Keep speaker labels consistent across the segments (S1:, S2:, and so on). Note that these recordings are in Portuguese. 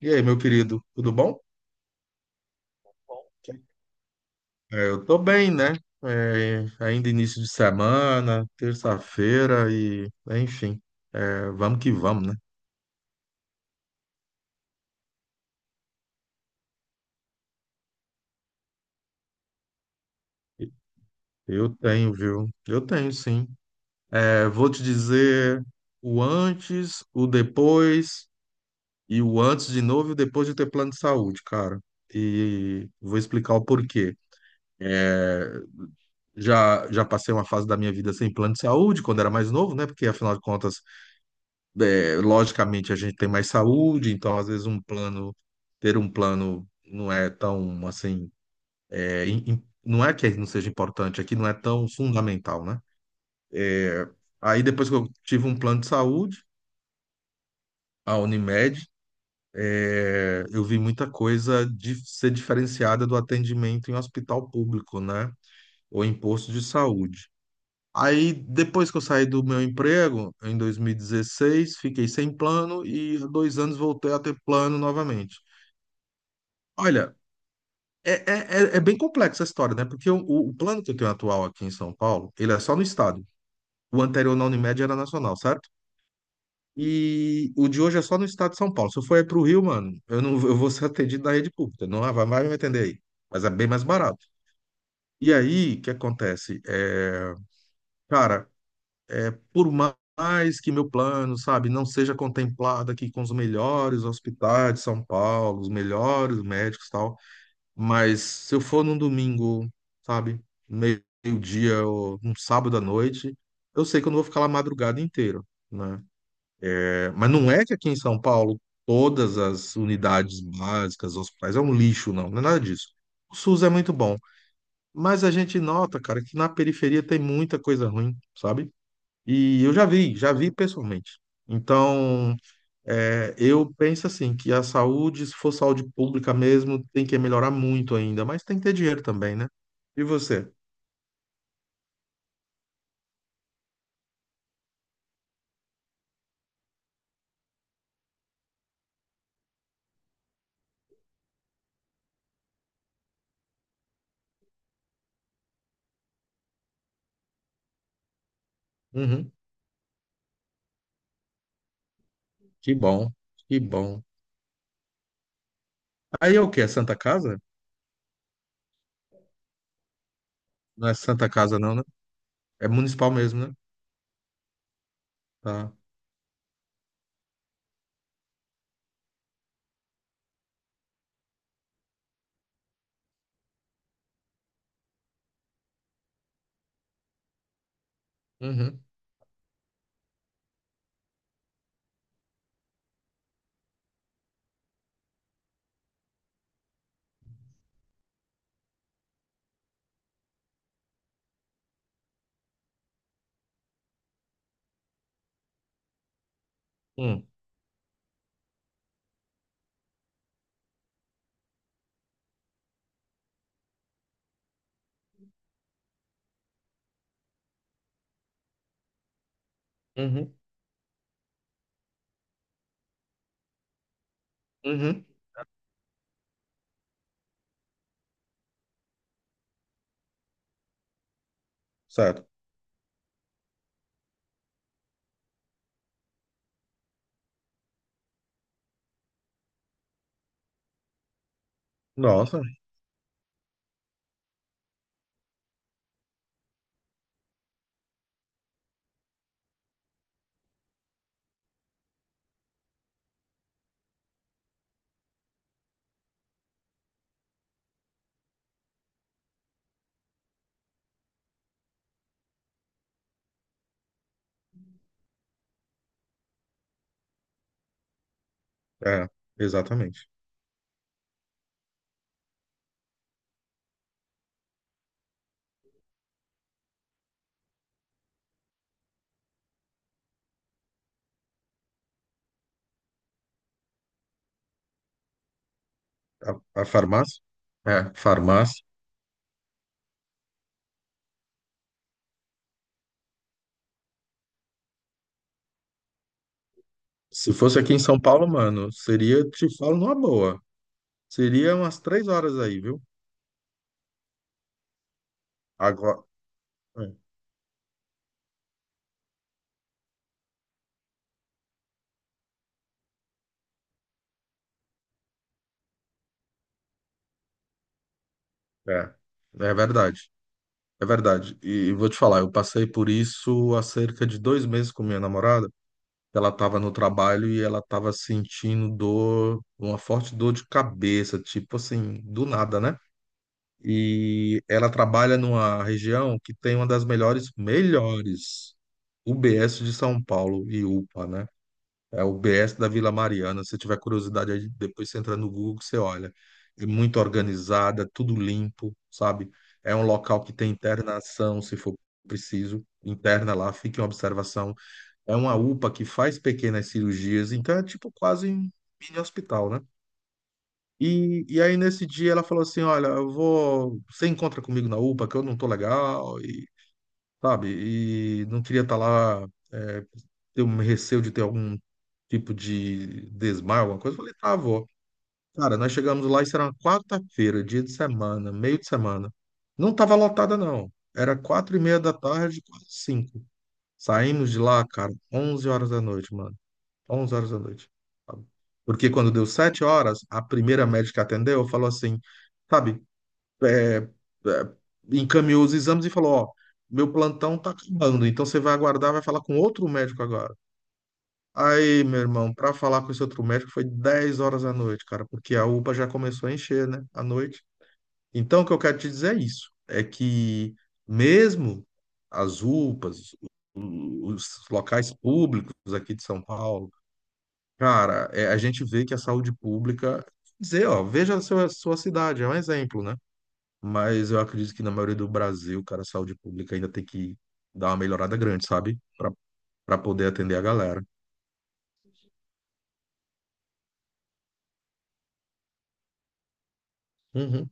S1: E aí, meu querido, tudo bom? Bom, que- eu tô bem, né? Ainda início de semana, terça-feira e, enfim, vamos que vamos, né? Eu tenho, viu? Eu tenho, sim. Vou te dizer o antes, o depois e o antes de novo e o depois de ter plano de saúde, cara. E vou explicar o porquê. Já passei uma fase da minha vida sem plano de saúde, quando era mais novo, né? Porque, afinal de contas, logicamente a gente tem mais saúde, então às vezes um plano, ter um plano não é tão assim, não é que não seja importante, aqui não é tão fundamental, né? Aí depois que eu tive um plano de saúde, a Unimed, eu vi muita coisa de ser diferenciada do atendimento em hospital público, né? Ou em posto de saúde. Aí depois que eu saí do meu emprego, em 2016, fiquei sem plano e há dois anos voltei a ter plano novamente. Olha, é bem complexa a história, né? Porque o plano que eu tenho atual aqui em São Paulo, ele é só no estado. O anterior na Unimed era nacional, certo? E o de hoje é só no estado de São Paulo. Se eu for aí pro Rio, mano, eu não eu vou ser atendido na rede pública. Não vai me atender aí. Mas é bem mais barato. E aí, o que acontece? Cara, por mais que meu plano, sabe, não seja contemplado aqui com os melhores hospitais de São Paulo, os melhores médicos e tal. Mas se eu for num domingo, sabe, meio-dia ou num sábado à noite, eu sei que eu não vou ficar lá a madrugada inteira, né? Mas não é que aqui em São Paulo todas as unidades básicas, hospitais, é um lixo, não, não é nada disso. O SUS é muito bom, mas a gente nota, cara, que na periferia tem muita coisa ruim, sabe? E eu já vi pessoalmente. Então, eu penso assim, que a saúde, se for saúde pública mesmo, tem que melhorar muito ainda, mas tem que ter dinheiro também, né? E você? Uhum. Que bom, que bom. Aí é o quê? É Santa Casa? Não é Santa Casa não, né? É municipal mesmo, né? Tá. Uhum. Hum. Uhum. Uhum. Certo. Nossa, é, exatamente. A farmácia? É, farmácia. Se fosse aqui em São Paulo, mano, seria, te falo numa boa, seria umas 3 horas aí, viu? Agora. É. É, é verdade, é verdade. E vou te falar, eu passei por isso há cerca de dois meses com minha namorada. Ela estava no trabalho e ela estava sentindo dor, uma forte dor de cabeça, tipo assim, do nada, né? E ela trabalha numa região que tem uma das melhores UBS de São Paulo e UPA, né? É o BS da Vila Mariana. Se tiver curiosidade, aí depois você entra no Google, que você olha. É muito organizada, tudo limpo, sabe? É um local que tem internação, se for preciso, interna lá, fica em observação. É uma UPA que faz pequenas cirurgias, então é tipo quase um mini hospital, né? E aí nesse dia ela falou assim, olha, eu vou, você encontra comigo na UPA que eu não tô legal e, sabe, e não queria estar lá, é, ter um receio de ter algum tipo de desmaio, alguma coisa. Eu falei, tá, avó. Cara, nós chegamos lá, isso era uma quarta-feira, dia de semana, meio de semana. Não tava lotada, não. Era 4h30 da tarde, quase cinco. Saímos de lá, cara, 11 horas da noite, mano. Onze horas da noite. Sabe? Porque quando deu sete horas, a primeira médica que atendeu falou assim, sabe, é, é, encaminhou os exames e falou, ó, meu plantão tá acabando, então você vai aguardar, vai falar com outro médico agora. Aí, meu irmão, pra falar com esse outro médico foi 10 horas da noite, cara, porque a UPA já começou a encher, né, à noite. Então, o que eu quero te dizer é isso, é que mesmo as UPAs, os locais públicos aqui de São Paulo, cara, a gente vê que a saúde pública, dizer, ó, veja a sua cidade, é um exemplo, né? Mas eu acredito que na maioria do Brasil, cara, a saúde pública ainda tem que dar uma melhorada grande, sabe? Pra poder atender a galera. Uhum,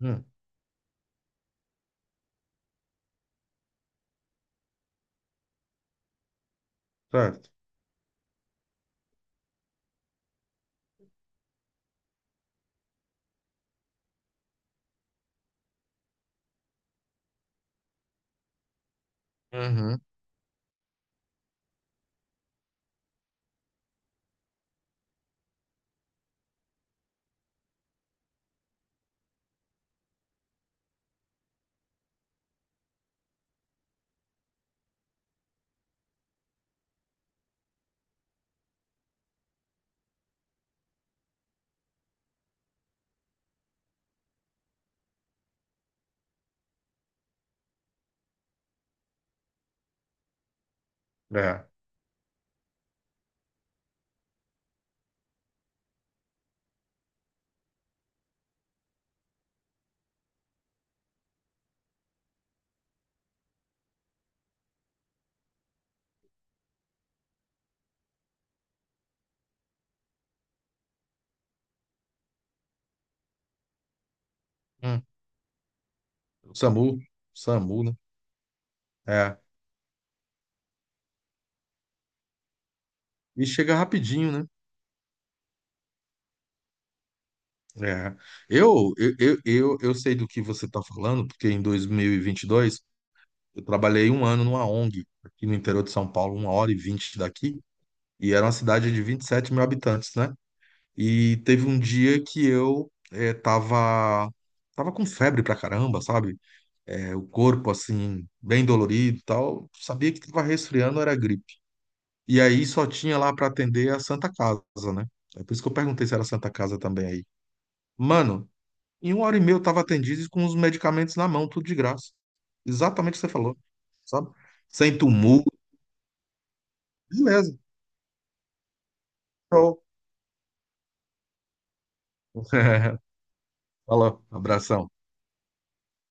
S1: uhum, certo. Uhum, é. Hum. SAMU, SAMU, né? É. E chega rapidinho, né? É. Eu sei do que você está falando, porque em dois mil e vinte e dois eu trabalhei um ano numa ONG aqui no interior de São Paulo, 1h20 daqui, e era uma cidade de 27 mil habitantes, né? E teve um dia que eu tava com febre pra caramba, sabe? O corpo, assim, bem dolorido e tal. Sabia que tava resfriando, era gripe. E aí só tinha lá para atender a Santa Casa, né? É por isso que eu perguntei se era Santa Casa também aí. Mano, em 1h30 eu tava atendido e com os medicamentos na mão, tudo de graça. Exatamente o que você falou, sabe? Sem tumulto, beleza. Show. Falou, abração.